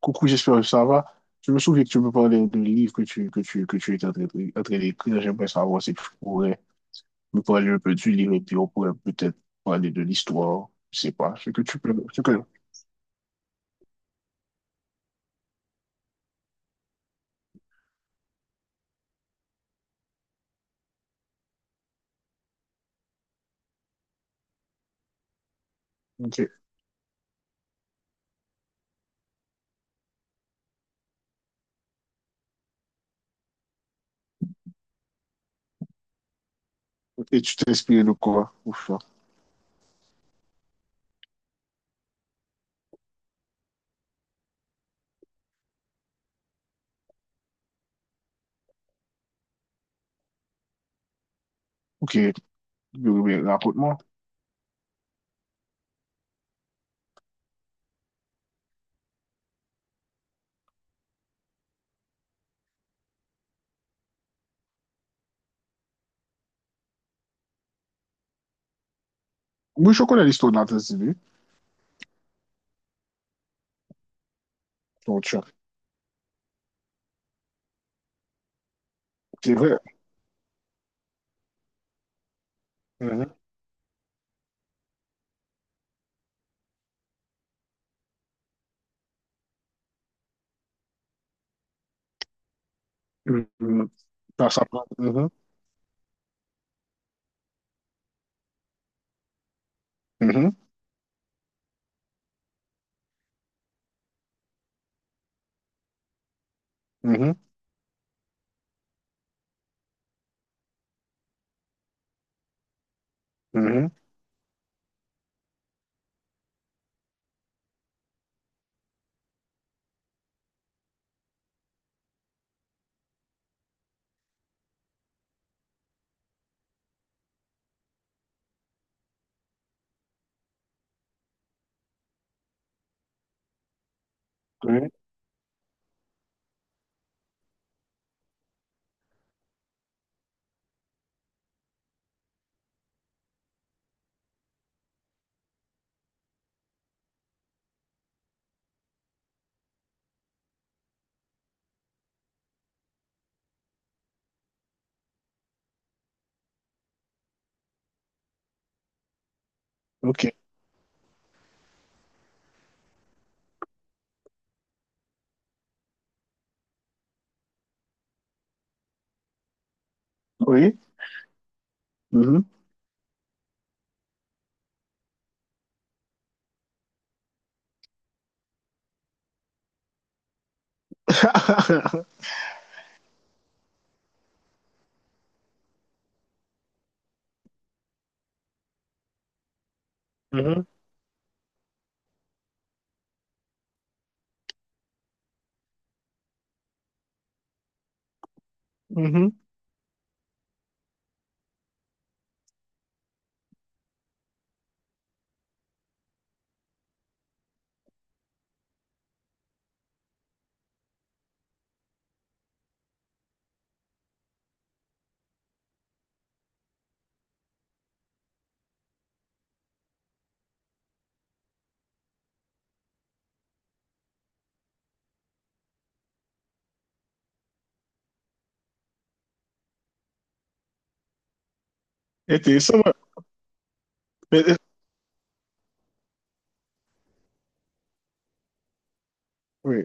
Coucou, j'espère que ça va. Je me souviens que tu me parlais d'un livre que tu étais en train d'écrire. J'aimerais savoir si tu pourrais me parler un peu du livre et puis on pourrait peut-être parler de l'histoire. Je sais pas. Ce que tu peux. Ok. Et tu t'es inspiré de quoi pour ça? Ok. Oui, oui, oui, raconte-moi. Oui, je connais l'histoire de la Tanzanie. Donc, tu- c'est vrai. Mhm. Mhm. Ça prend. Mhm. Mhm. Mhm. Mhm. Oui, ok. Oui. Mhm. Mhm. Mhm. Intéressant, ouais. Mais- euh, oui,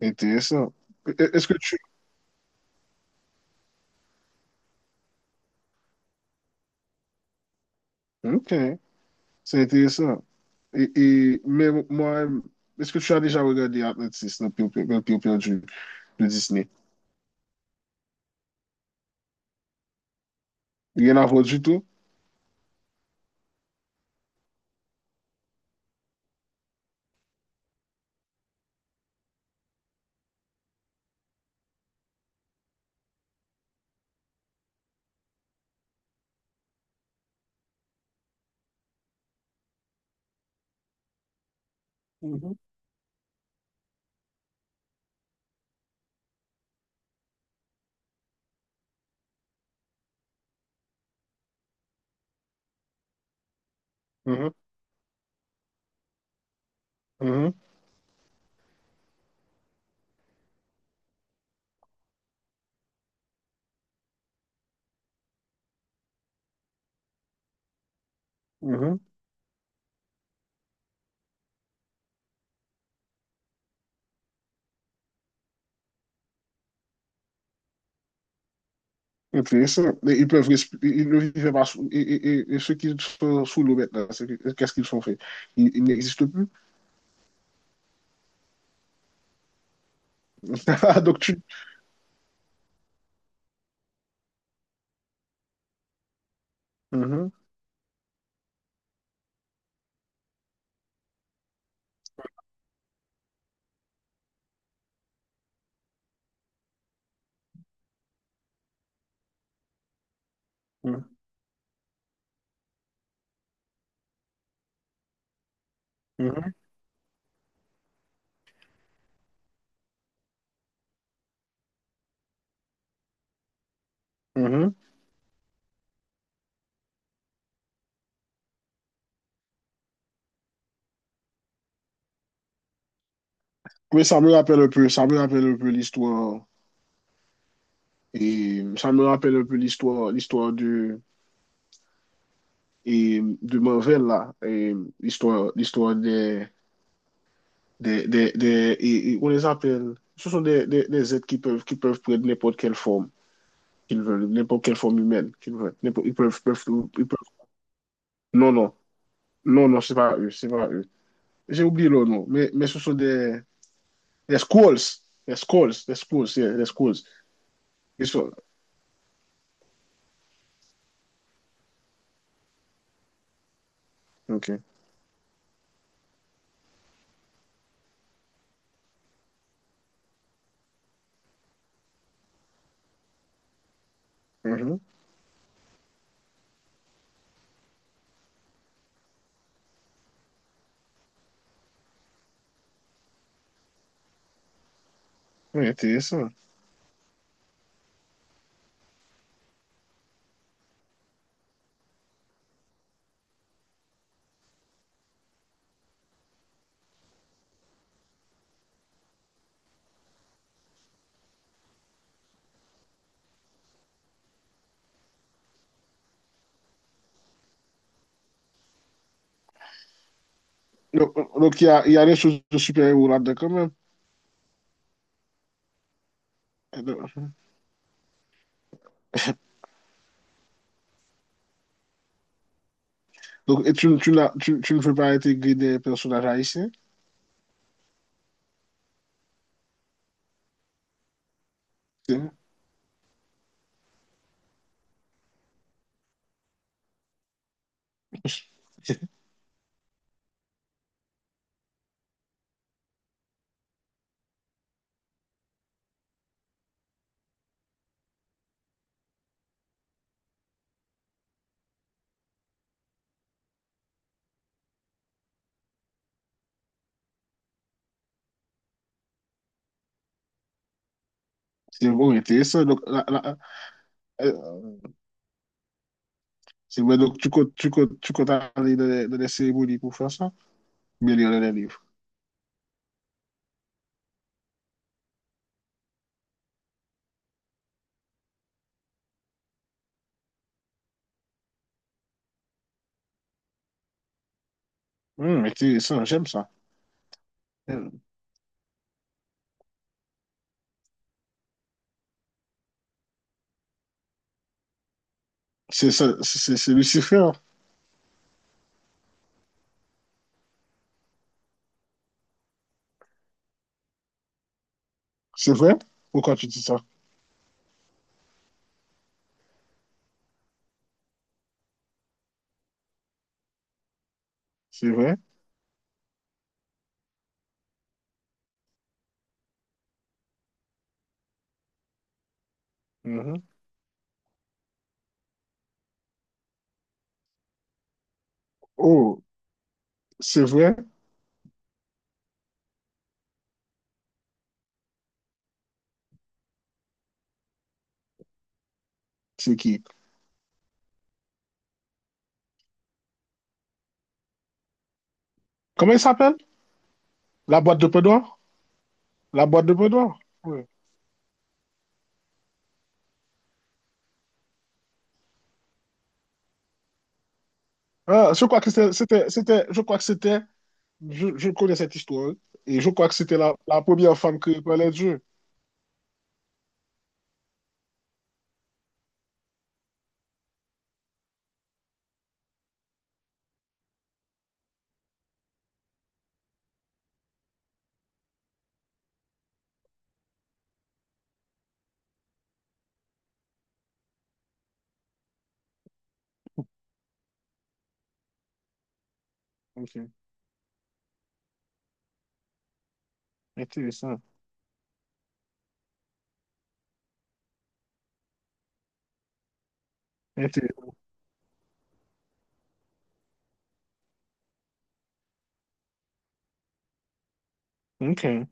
intéressant. Est-ce que tu... Ok. C'est intéressant. Et, mais moi, est-ce que tu as déjà regardé Atlantis, le pire pire du de Disney? Rien à voir du tout? Mhm. Mhm, mhm, mhm. Intéressant. Mais ils peuvent, ils ne vivent pas sous, et ceux qui sont sous l'eau maintenant, qu'est-ce qu'ils ont fait? Ils n'existent plus. Donc tu. Mhm, mhm, mhm, mhm. Oui, ça me rappelle un peu l'histoire. Et ça me rappelle un peu l'histoire, l'histoire de Marvel là, et l'histoire des et on les appelle, ce sont des, des êtres qui peuvent prendre n'importe quelle forme qu'ils veulent, n'importe quelle forme humaine qu'ils veulent. Ils peuvent, ils peuvent- non, non, non, non, c'est pas eux, c'est pas eux. J'ai oublié leur nom, mais ce sont des Skrulls, des Skrulls, yeah, des Skrulls. Ils sont, ok. Mhm. Oui, intéressant. Donc, il y a des choses de super-héros là-dedans quand même. Donc, et tu, tu, tu ne veux pas intégrer des personnages haïtiens? C'est c'est bon, intéressant. Euh, c'est vrai, donc tu comptes, tu comptes, tu comptes aller dans les cérémonies pour faire ça, mais lire dans les livres. Intéressant, j'aime ça. Hum. C'est ça, c'est Lucifer. C'est vrai? Pourquoi tu dis ça? C'est vrai? Mhm. Oh, c'est vrai? C'est qui? Comment il s'appelle? La boîte de Pandore? La boîte de Pandore? Oui. Ah, je crois que c'était. Je connais cette histoire et je crois que c'était la première femme créée par les dieux. Ok, intéressant. Intéressant. Ok,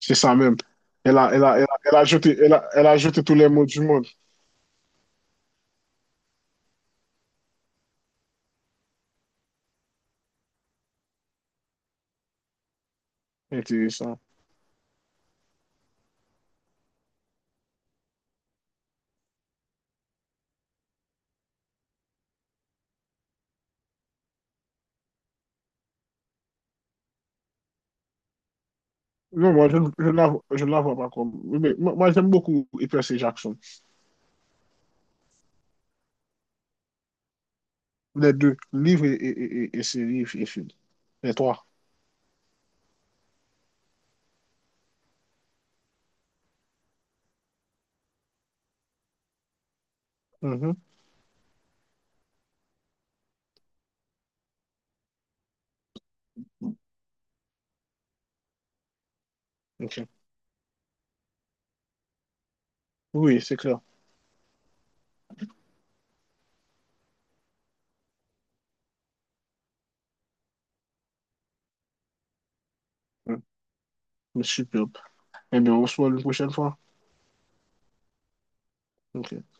c'est ça même. Elle a, elle a, elle a, elle a jeté, elle a, elle a jeté tous les mots du monde. Intéressant. Non, moi, je ne la vois pas comme. Mais moi, moi, j'aime beaucoup Hyper C. Jackson. Les deux, livres et séries et films. Les trois. Mhm. Ok. Oui, c'est clair. Mm. Superbe. Eh bien, on se voit une prochaine fois. Ok.